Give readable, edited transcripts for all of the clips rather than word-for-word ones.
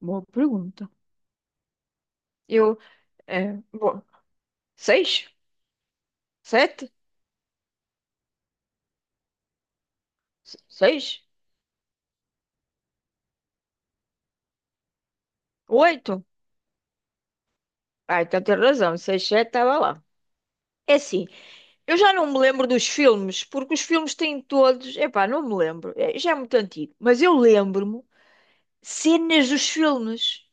Boa pergunta. Eu, é, bom, seis? Sete? Seis? Oito? Ah, então tem razão. Seis, sete estava lá. É assim, eu já não me lembro dos filmes, porque os filmes têm todos. Epá, não me lembro. É, já é muito antigo. Mas eu lembro-me cenas dos filmes.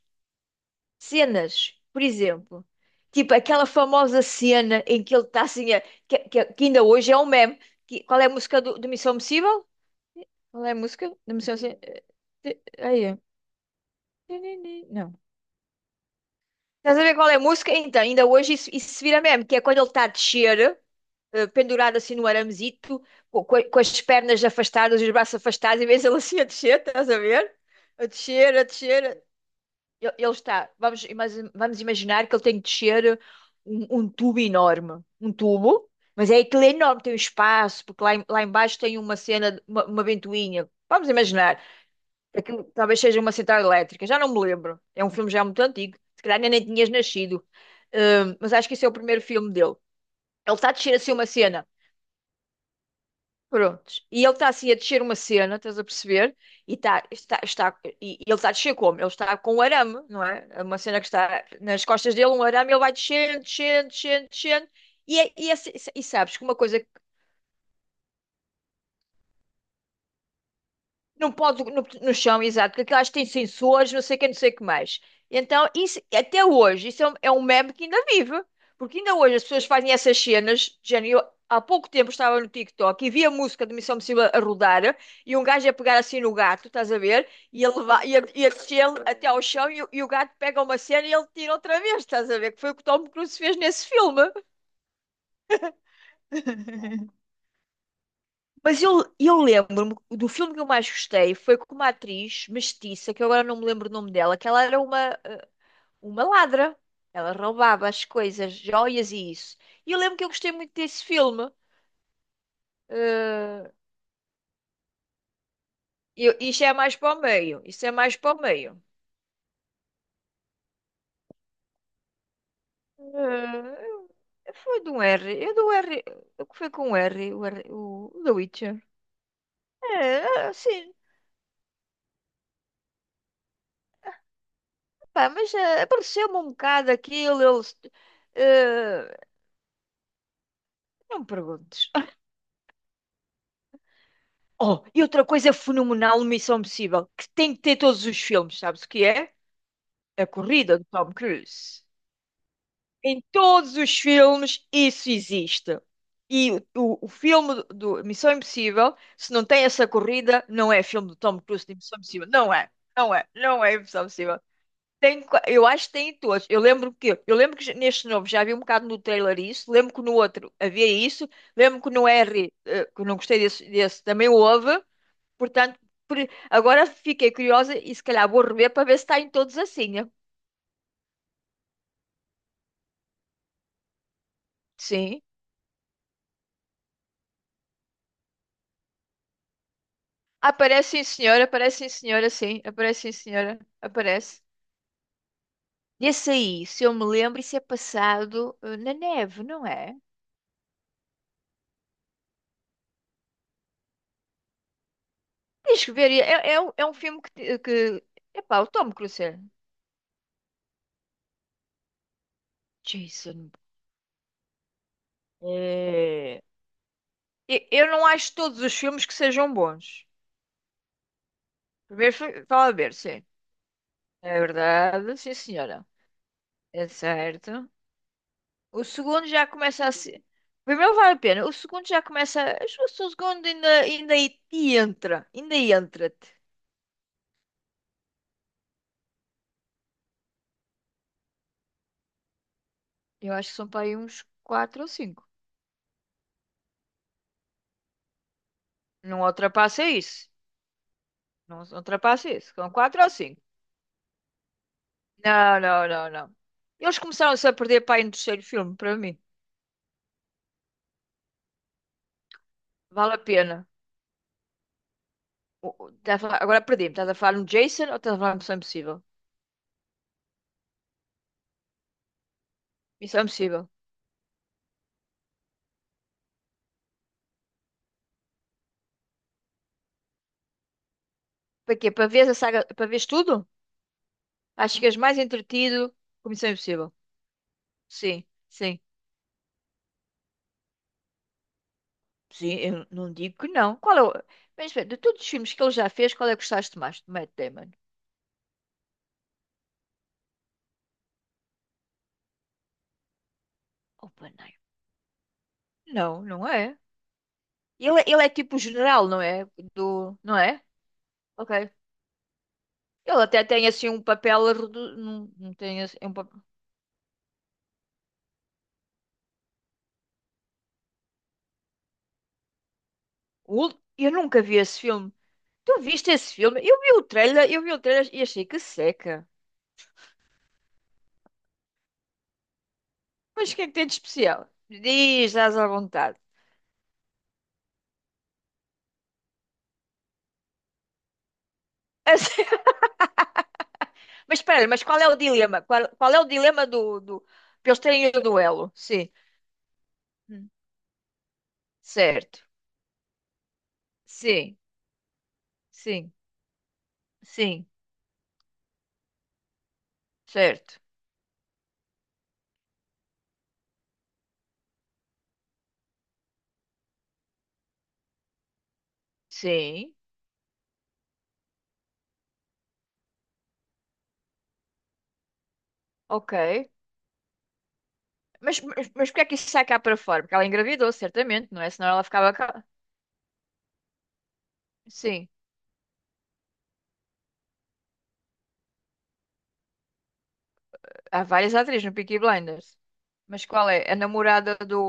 Cenas, por exemplo. Tipo aquela famosa cena em que ele está assim, que ainda hoje é um meme. Qual é a música do Missão Impossível? Qual é a música da Missão Impossível? Nenê, não. Estás a ver qual é a música? Então, ainda hoje isso, isso se vira mesmo, que é quando ele está a descer, pendurado assim no aramezito, com as pernas afastadas, os braços afastados, e vês ele assim a descer, estás a ver? A descer, a descer. Ele está, vamos, ima- vamos imaginar que ele tem que descer um tubo enorme, um tubo, mas é aquele enorme, tem um espaço, porque lá embaixo tem uma cena, uma ventoinha. Vamos imaginar. Aquilo talvez seja uma central elétrica, já não me lembro. É um filme já muito antigo, se calhar ainda nem tinhas nascido. Mas acho que esse é o primeiro filme dele. Ele está a descer assim uma cena. Prontos. E ele está assim a descer uma cena, estás a perceber? E, tá, está, está, e ele está a descer como? Ele está com um arame, não é? É uma cena que está nas costas dele, um arame, ele vai descendo, descendo, descendo, descendo. E, é- e, é- sabes que uma coisa. Não pode no chão, exato, porque aquelas têm sensores, não sei o que, não sei o que mais. Então, isso, até hoje, isso é é um meme que ainda vive. Porque ainda hoje as pessoas fazem essas cenas, de género. Eu, há pouco tempo, estava no TikTok e vi a música de Missão Impossível a rodar, e um gajo a pegar assim no gato, estás a ver? E a, levar, e a descê-lo até ao chão, e o gato pega uma cena e ele tira outra vez, estás a ver? Que foi o que o Tom Cruise fez nesse filme. Mas eu, eu lembro-me do filme que eu mais gostei, foi com uma atriz mestiça, que eu agora não me lembro o nome dela, que ela era uma ladra. Ela roubava as coisas, joias e isso. E eu lembro que eu gostei muito desse filme. Eh, isto é mais para o meio. Isso é mais para o meio. Eh, foi de um R. Eu do R. O que foi com o R? O The Witcher. É, assim, pá, mas apareceu-me um bocado aquilo. Eh, não me perguntes. Oh, e outra coisa fenomenal, Missão Impossível, que tem que ter todos os filmes, sabes o que é? A corrida de Tom Cruise. Em todos os filmes isso existe. E o filme do Missão Impossível, se não tem essa corrida, não é filme do Tom Cruise de Missão Impossível. Não é, não é, não é Missão Impossível. Tem. Eu acho que tem em todos. Eu lembro que neste novo já vi um bocado no trailer isso, lembro que no outro havia isso, lembro que no R, eh, que eu não gostei desse também houve. Portanto, por- agora fiquei curiosa e se calhar vou rever para ver se está em todos assim, né? Sim. Aparece sim, senhora, sim. Aparece sim, senhora, aparece. E esse aí, se eu me lembro, isso é passado, eh, na neve, não é? Tens que ver. É um filme que... que... Epá, o Tom Cruise, é. Jason... É... eu não acho todos os filmes que sejam bons. Primeiro, fala a ver, sim. É verdade, sim, senhora. É certo. O segundo já começa a ser. O primeiro vale a pena. O segundo já começa. Acho que o segundo ainda, ainda aí te entra. Ainda aí entra-te. Eu acho que são para aí uns 4 ou cinco. Não ultrapassa isso. Não ultrapassa isso. São 4 ou cinco. Não, não, não, não. Eles começaram-se a perder para aí no terceiro filme, para mim. Vale a pena. Estás a falar... Agora perdi-me. Estás a falar no Jason ou estás a falar no Missão Impossível? Missão Impossível. Para quê? Para ver a saga, para veres tudo? Acho que és mais entretido com Missão Impossível. Sim, sim. Sim, eu não digo que não. Qual é o... Mas, espera, de todos os filmes que ele já fez, qual é que gostaste mais? De Matt Damon. Oppenheimer. Não, não é. Ele é tipo o general, não é? Do... Não é? Ok. Ele até tem assim um papel... não, não tem assim, um papel... Eu nunca vi esse filme. Tu viste esse filme? Eu vi o trailer, eu vi o trailer e achei que seca. Mas o que é que tem de especial? Diz, estás à vontade. Mas espera, mas qual é o dilema? Qual, qual é o dilema do... para eles terem o duelo? Sim. Hum. Certo. Sim, sim, sim. Certo. Sim. Ok. Mas porquê é que isso sai cá para fora? Porque ela engravidou, certamente, não é? Senão ela ficava cá. Sim. Há várias atrizes no Peaky Blinders. Mas qual é? A namorada do.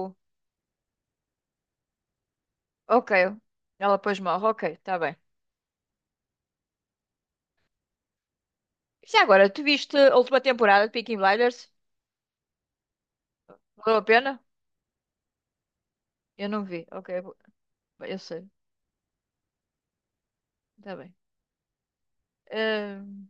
Ok. Ela depois morre. Ok, está bem. Já agora, tu viste a última temporada de Peaky Blinders? Valeu a pena? Eu não vi. Ok, eu sei. Está bem. Hum.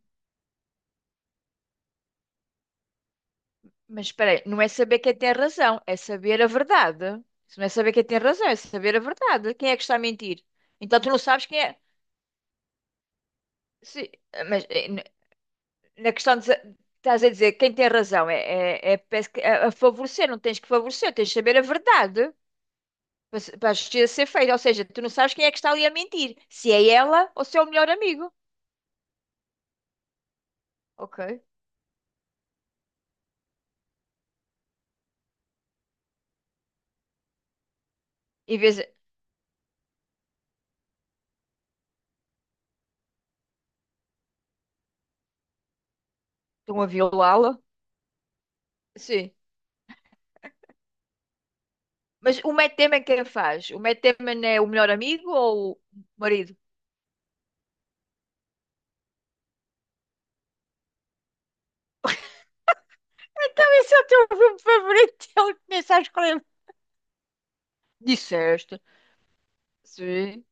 Mas espera aí, não é saber quem tem razão, é saber a verdade. Se não é saber quem tem razão, é saber a verdade. Quem é que está a mentir? Então tu não sabes quem é. Sim, mas eh, na questão de. Estás a dizer quem tem razão é, é, parece que é a favorecer, não tens que favorecer, tens de saber a verdade para, para a justiça ser feita. Ou seja, tu não sabes quem é que está ali a mentir, se é ela ou se é o melhor amigo. Ok. Em vez de estão a violá-la. Sim. Mas o Matt Damon, quem faz? O Matt Damon é o melhor amigo ou o marido? Esse é o teu filme favorito. Ele começa a escolher. Disseste. Sim.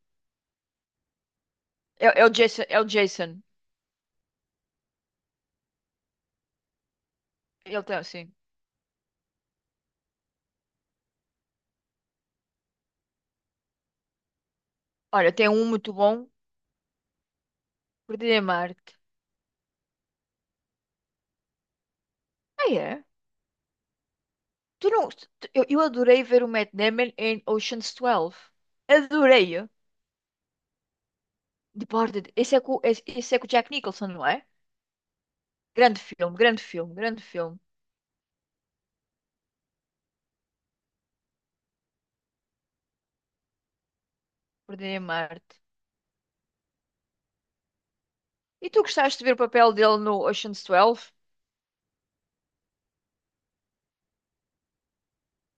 É, é o Jason. É o Jason. Ele tem, sim. Olha, tem um muito bom. Perdido em Marte. Ah, é? Tu não... tu- eu adorei ver o Matt Damon em Ocean's 12. Adorei-o. Departed. Esse é, com, esse é com o Jack Nicholson, não é? Grande filme, grande filme, grande filme. Perdido em Marte. E tu gostaste de ver o papel dele no Ocean's 12?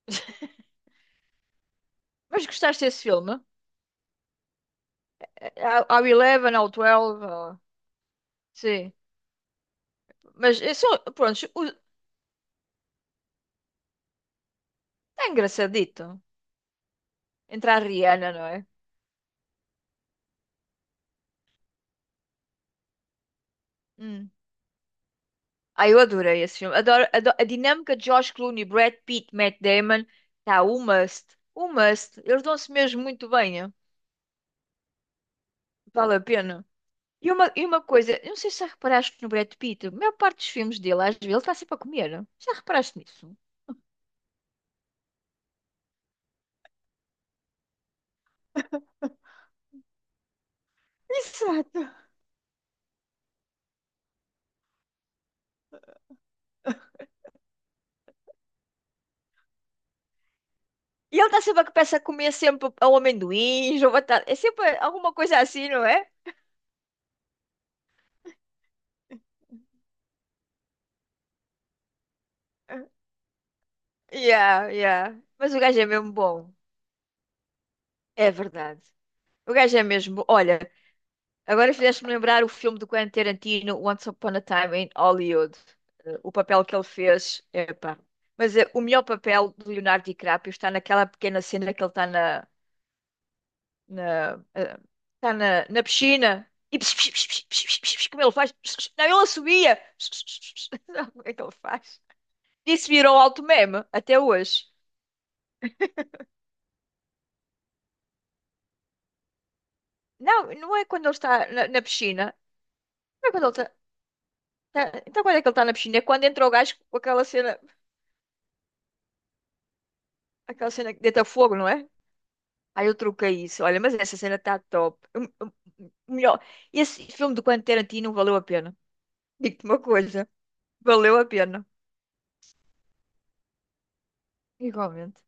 Mas gostaste desse filme? Ao ao 11, ao 12? ao... Sim. Mas eu sou, pronto, o... é engraçadito. Entra a Rihanna, não é? Hum. Ah, eu adorei esse filme. Adoro, a dinâmica de George Clooney, Brad Pitt, Matt Damon, tá, o must. O must. Eles dão-se mesmo muito bem, hein? Vale a pena. E uma coisa, eu não sei se já reparaste no Brad Pitt, a maior parte dos filmes dele, às vezes, ele está sempre a comer. Já reparaste nisso? Exato. E ele está sempre a peça a comer sempre ao amendoins ou batata. É sempre alguma coisa assim, não é? Yeah, yeah. Mas o gajo é mesmo bom. É verdade. O gajo é mesmo. Olha, agora fizeste-me lembrar o filme do Quentin Tarantino, Once Upon a Time in Hollywood. Eh, o papel que ele fez, epá. Mas eh, o melhor papel do Leonardo DiCaprio está naquela pequena cena que ele está na, eh, está na piscina e pss, pss, pss, pss, pss, pss, pss, como ele faz? Pss, pss. Não, ele assobia. Pss, pss, pss, pss. Sabe como é que ele faz? Isso virou alto meme até hoje. Não, não é quando ele está na piscina. Não é quando ele está. Tá... então, quando é que ele tá na piscina? É quando entrou o gás com aquela cena que deita fogo, não é? Aí eu troquei isso. Olha, mas essa cena tá top. Hum. Melhor. Esse filme do Quentin Tarantino valeu a pena. Digo-te uma coisa. Valeu a pena. Igualmente.